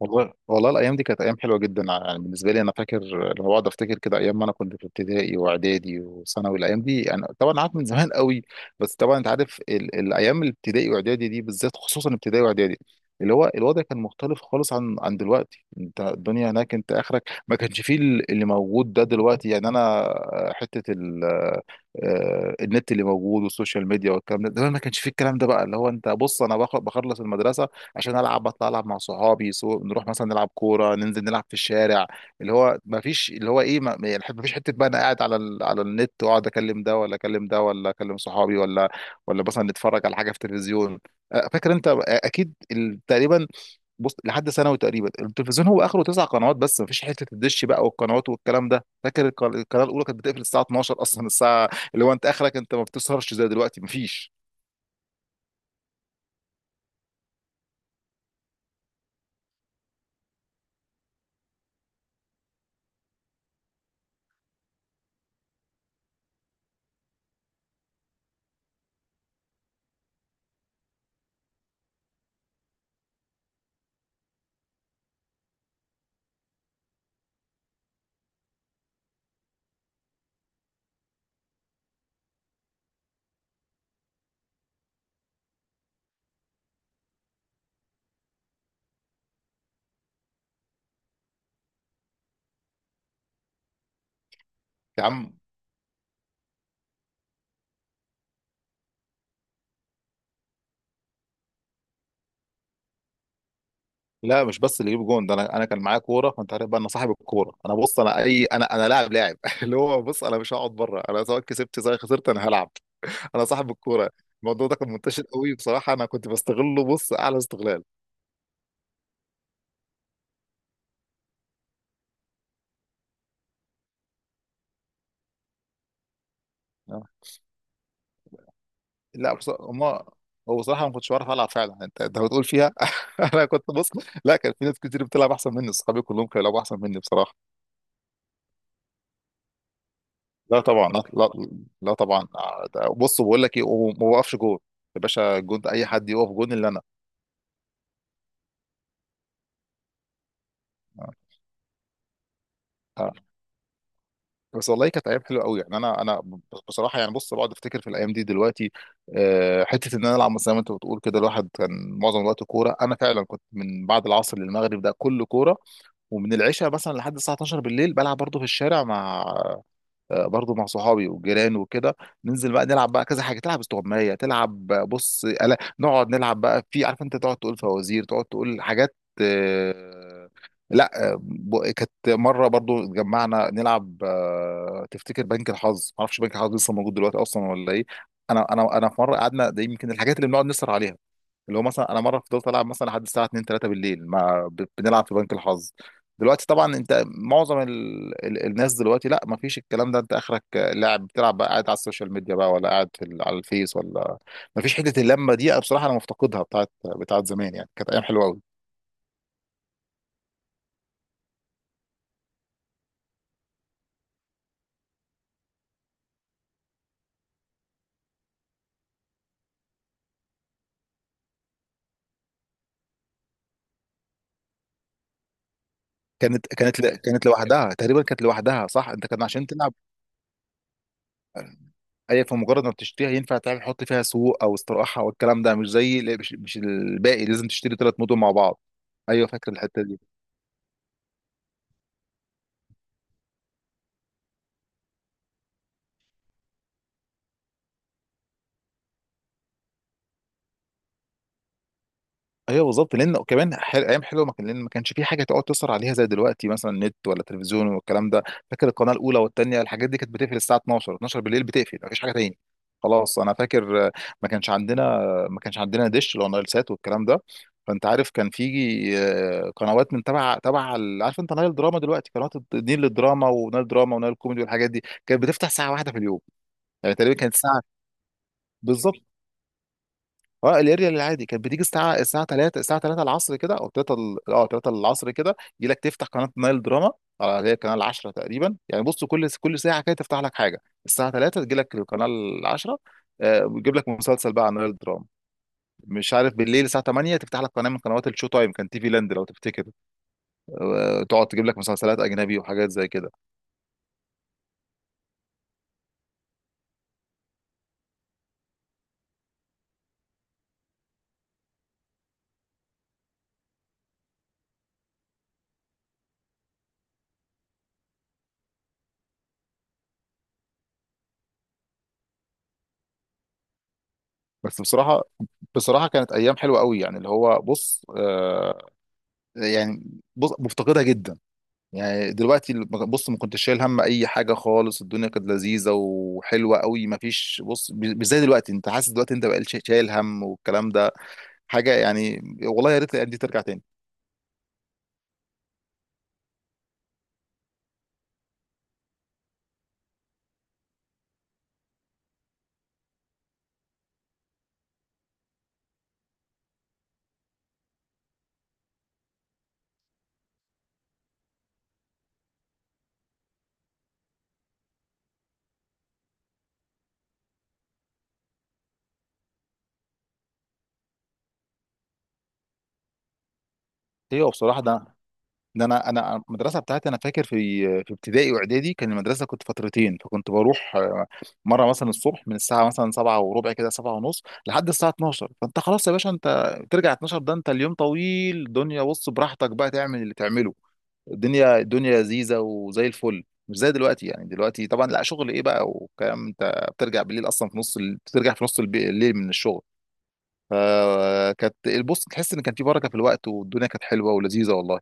والله والله الايام دي كانت ايام حلوه جدا، يعني بالنسبه لي انا فاكر. لما بقعد افتكر كده ايام ما انا كنت في ابتدائي واعدادي وثانوي، الايام دي انا طبعا عارف من زمان قوي. بس طبعا انت عارف الايام الابتدائي واعدادي دي بالذات، خصوصا ابتدائي واعدادي اللي هو الوضع كان مختلف خالص عن دلوقتي. انت الدنيا هناك انت اخرك ما كانش فيه اللي موجود ده دلوقتي، يعني انا حته النت اللي موجود والسوشيال ميديا والكلام ده، زمان ما كانش فيه الكلام ده. بقى اللي هو انت بص، انا بخلص المدرسه عشان العب، بطلع العب مع صحابي، نروح مثلا نلعب كوره، ننزل نلعب في الشارع. اللي هو ما فيش اللي هو ايه، يعني ما فيش حته بقى انا قاعد على على النت واقعد اكلم ده ولا اكلم ده ولا اكلم صحابي، ولا مثلا نتفرج على حاجه في التلفزيون. فاكر انت، اكيد تقريبا بص لحد ثانوي تقريبا التلفزيون هو اخره تسع قنوات بس، ما فيش حته الدش بقى والقنوات والكلام ده. فاكر القناه الاولى كانت بتقفل الساعه 12 اصلا الساعه، اللي هو انت اخرك انت ما بتسهرش زي دلوقتي، ما فيش. يا عم، لا مش بس اللي يجيب جون ده، انا كان معايا كوره، فانت عارف بقى انا صاحب الكوره. انا بص انا اي، انا لاعب اللي هو بص انا مش هقعد بره، انا سواء كسبت سواء خسرت انا هلعب. انا صاحب الكوره. الموضوع ده كان منتشر قوي بصراحه، انا كنت بستغله بص اعلى استغلال. آه. لا بص، ما هو بصراحه ما كنتش بعرف العب فعلا، انت بتقول فيها. انا كنت بص، لا كان في ناس كتير بتلعب احسن مني، اصحابي كلهم كانوا بيلعبوا احسن مني بصراحه. لا طبعا، لا لا، لا طبعا. بص بقول لك ايه، وما بوقفش جون. يا باشا، جون ده اي حد يقف جون الا انا. آه. بس والله كانت ايام حلوه قوي يعني، انا بصراحه يعني بص بقعد افتكر في الايام دي دلوقتي. حته ان انا العب مثلا زي ما انت بتقول كده، الواحد كان معظم الوقت كوره. انا فعلا كنت من بعد العصر للمغرب ده كله كوره، ومن العشاء مثلا لحد الساعه 12 بالليل بلعب برضه في الشارع مع، برضو مع صحابي والجيران وكده. ننزل بقى نلعب بقى كذا حاجه، تلعب استغمايه، تلعب، بص ألا نقعد نلعب بقى. في، عارف انت، تقعد تقول فوازير، تقعد تقول حاجات. آه، لا كانت مره برضو اتجمعنا نلعب، تفتكر بنك الحظ؟ ما اعرفش بنك الحظ لسه موجود دلوقتي اصلا ولا ايه. انا في مره قعدنا، ده يمكن الحاجات اللي بنقعد نسهر عليها. اللي هو مثلا انا مره فضلت العب مثلا لحد الساعه 2 3 بالليل، مع بنلعب في بنك الحظ. دلوقتي طبعا انت معظم الناس دلوقتي لا، ما فيش الكلام ده. انت اخرك لاعب، بتلعب بقى قاعد على السوشيال ميديا بقى، ولا قاعد في على الفيس ولا. ما فيش حته اللمه دي، أنا بصراحه انا مفتقدها بتاعت زمان، يعني كانت ايام حلوه قوي. كانت كانت لوحدها تقريبا، كانت لوحدها صح. انت كان عشان تلعب، اي، في مجرد ما بتشتريها ينفع تعمل، تحط فيها سوق او استراحه والكلام ده، مش زي مش الباقي لازم تشتري ثلاث مدن مع بعض. ايوه فاكر الحته دي. ايوه بالظبط، لان كمان ايام حلوه ما كان، لان ما كانش في حاجه تقعد تسهر عليها زي دلوقتي، مثلا نت ولا تلفزيون والكلام ده. فاكر القناه الاولى والثانيه الحاجات دي كانت بتقفل الساعه 12 بالليل بتقفل، مفيش حاجه تاني. خلاص انا فاكر. ما كانش عندنا، ما كانش عندنا ديش ولا نايل سات والكلام ده. فانت عارف كان في، قنوات من تبع عارف انت نايل دراما دلوقتي، قنوات النيل للدراما ونايل دراما ونايل كوميدي، والحاجات دي كانت بتفتح ساعه واحده في اليوم، يعني تقريبا كانت ساعه. بالظبط. اه الاريال العادي كانت بتيجي الساعه 3 العصر كده، او 3 العصر كده يجي لك تفتح قناه نايل دراما. اه، اللي هي القناه 10 تقريبا. يعني بص كل ساعه كده تفتح لك حاجه. الساعه 3 تجي لك القناه 10. آه، بيجيب لك مسلسل بقى عن نايل دراما. مش عارف بالليل الساعه 8 تفتح لك قناه من قنوات الشو تايم، كان تي في لاند لو تفتكر. آه تقعد تجيب لك مسلسلات اجنبي وحاجات زي كده. بس بصراحه بصراحه كانت ايام حلوه قوي يعني، اللي هو بص آه، يعني، بص مفتقدها جدا. يعني دلوقتي بص، ما كنتش شايل هم اي حاجه خالص، الدنيا كانت لذيذه وحلوه قوي. ما فيش بص، مش زي دلوقتي. انت حاسس دلوقتي انت بقى شايل هم والكلام ده حاجه. يعني والله يا ريت الايام دي ترجع تاني. ايوه بصراحه، ده انا المدرسه بتاعتي انا فاكر في، في ابتدائي واعدادي كان المدرسه كنت فترتين، فكنت بروح، مره مثلا الصبح من الساعه مثلا 7 وربع كده، 7 ونص لحد الساعه 12. فانت خلاص يا باشا انت ترجع 12، ده انت اليوم طويل، الدنيا بص براحتك بقى تعمل اللي تعمله. الدنيا لذيذه وزي الفل، مش زي دلوقتي يعني. دلوقتي طبعا لا شغل ايه بقى وكلام، انت بترجع بالليل اصلا في نص بترجع في نص الليل من الشغل. فكانت البص تحس ان كان في بركه في الوقت، والدنيا كانت حلوه ولذيذه والله.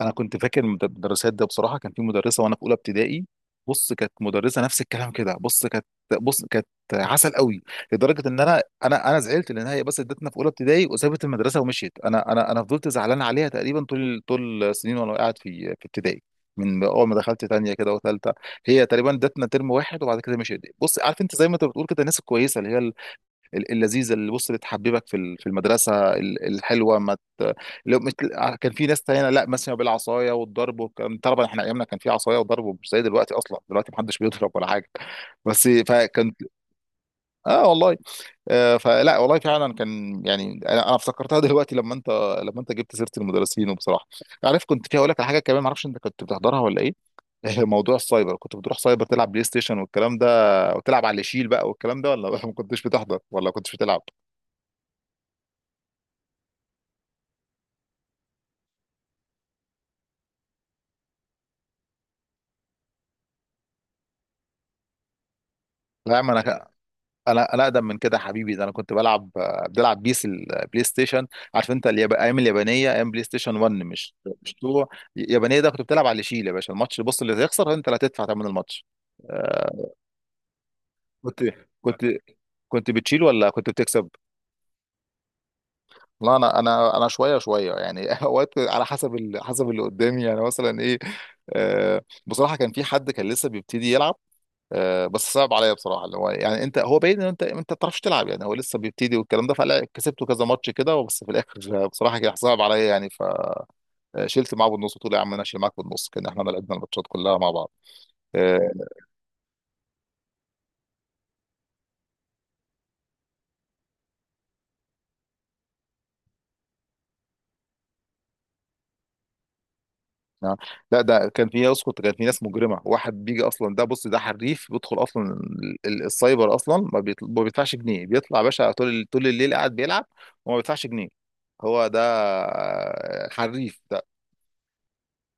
انا كنت فاكر المدرسات ده، بصراحه كان في مدرسه وانا في اولى ابتدائي، بص كانت مدرسه نفس الكلام كده، بص كانت بص كانت عسل قوي. لدرجه ان انا زعلت، لان هي بس ادتنا في اولى ابتدائي وسابت المدرسه ومشيت. انا فضلت زعلان عليها تقريبا طول السنين وانا قاعد في ابتدائي. من اول ما دخلت تانية كده وثالثه، هي تقريبا ادتنا ترم واحد وبعد كده مشيت. بص عارف انت، زي ما انت بتقول كده، الناس الكويسه اللي هي اللذيذه، اللي بص اللي تحببك في في المدرسه الحلوه. ما ت... لو مت... كان في ناس تانية لا، مثلا بالعصايه والضرب والكلام. طبعا احنا ايامنا كان في عصايه وضرب، مش زي دلوقتي، اصلا دلوقتي محدش بيضرب ولا حاجه، بس فكان. اه والله. فلا والله، فعلا كان. يعني انا افتكرتها دلوقتي لما انت، لما انت جبت سيره المدرسين. وبصراحه، عارف كنت في اقول لك على حاجه كمان، ما اعرفش انت كنت بتحضرها ولا ايه، موضوع السايبر. كنت بتروح سايبر تلعب بلاي ستيشن والكلام ده، وتلعب على اللي يشيل بقى والكلام ده، ولا ما كنتش بتحضر ولا كنتش بتلعب؟ لا يا عم انا انا اقدم من كده يا حبيبي، ده انا كنت بلعب، بيس البلاي ستيشن. عارف انت ايام اليابانيه، ايام بلاي ستيشن 1 مش 2. اليابانيه ده كنت بتلعب على اللي يشيل يا باشا الماتش، بص اللي هيخسر انت اللي هتدفع ثمن الماتش. آه. كنت كنت كنت بتشيل ولا كنت بتكسب؟ لا انا، انا شويه شويه يعني اوقات، على حسب حسب اللي قدامي يعني مثلا. ايه آه، بصراحه كان في حد كان لسه بيبتدي يلعب، بس صعب عليا بصراحه، اللي هو يعني انت هو باين ان انت ما بتعرفش تلعب يعني، هو لسه بيبتدي والكلام ده. فلا كسبته كذا ماتش كده، بس في الاخر بصراحه كان صعب عليا يعني، فشلت معاه بالنص. قلت له يا عم انا اشيل معاك بالنص، كان احنا لعبنا الماتشات كلها مع بعض. آه، نعم. لا ده كان في، اسكت كان في ناس مجرمه، واحد بيجي اصلا، ده بص ده حريف بيدخل اصلا السايبر اصلا، ما ما بيدفعش جنيه، بيطلع يا باشا طول الليل قاعد بيلعب، وما بيدفعش جنيه. هو ده، حريف.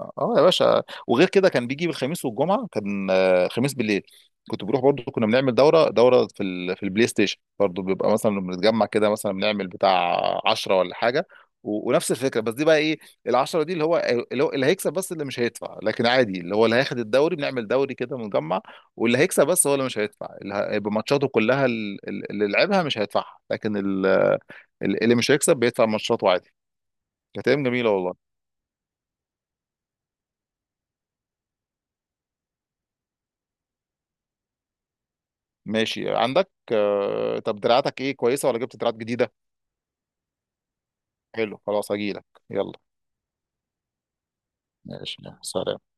اه يا باشا. وغير كده كان بيجي بالخميس والجمعه، كان خميس بالليل كنت بروح برضو، كنا بنعمل دوره في في البلاي ستيشن برضو. بيبقى مثلا بنتجمع كده، مثلا بنعمل بتاع 10 ولا حاجه، و... ونفس الفكره بس دي بقى ايه، العشرة دي اللي هو، اللي هيكسب بس اللي مش هيدفع. لكن عادي اللي هو اللي هياخد الدوري، بنعمل دوري كده مجمع، واللي هيكسب بس هو اللي مش هيدفع، اللي هيبقى ماتشاته كلها اللي لعبها مش هيدفعها. لكن اللي مش هيكسب بيدفع ماتشاته عادي. كانت ايام جميله والله. ماشي عندك. طب دراعاتك ايه، كويسة ولا جبت دراعات جديدة؟ حلو خلاص هجيلك، يلا. ماشي، يلا، سلام.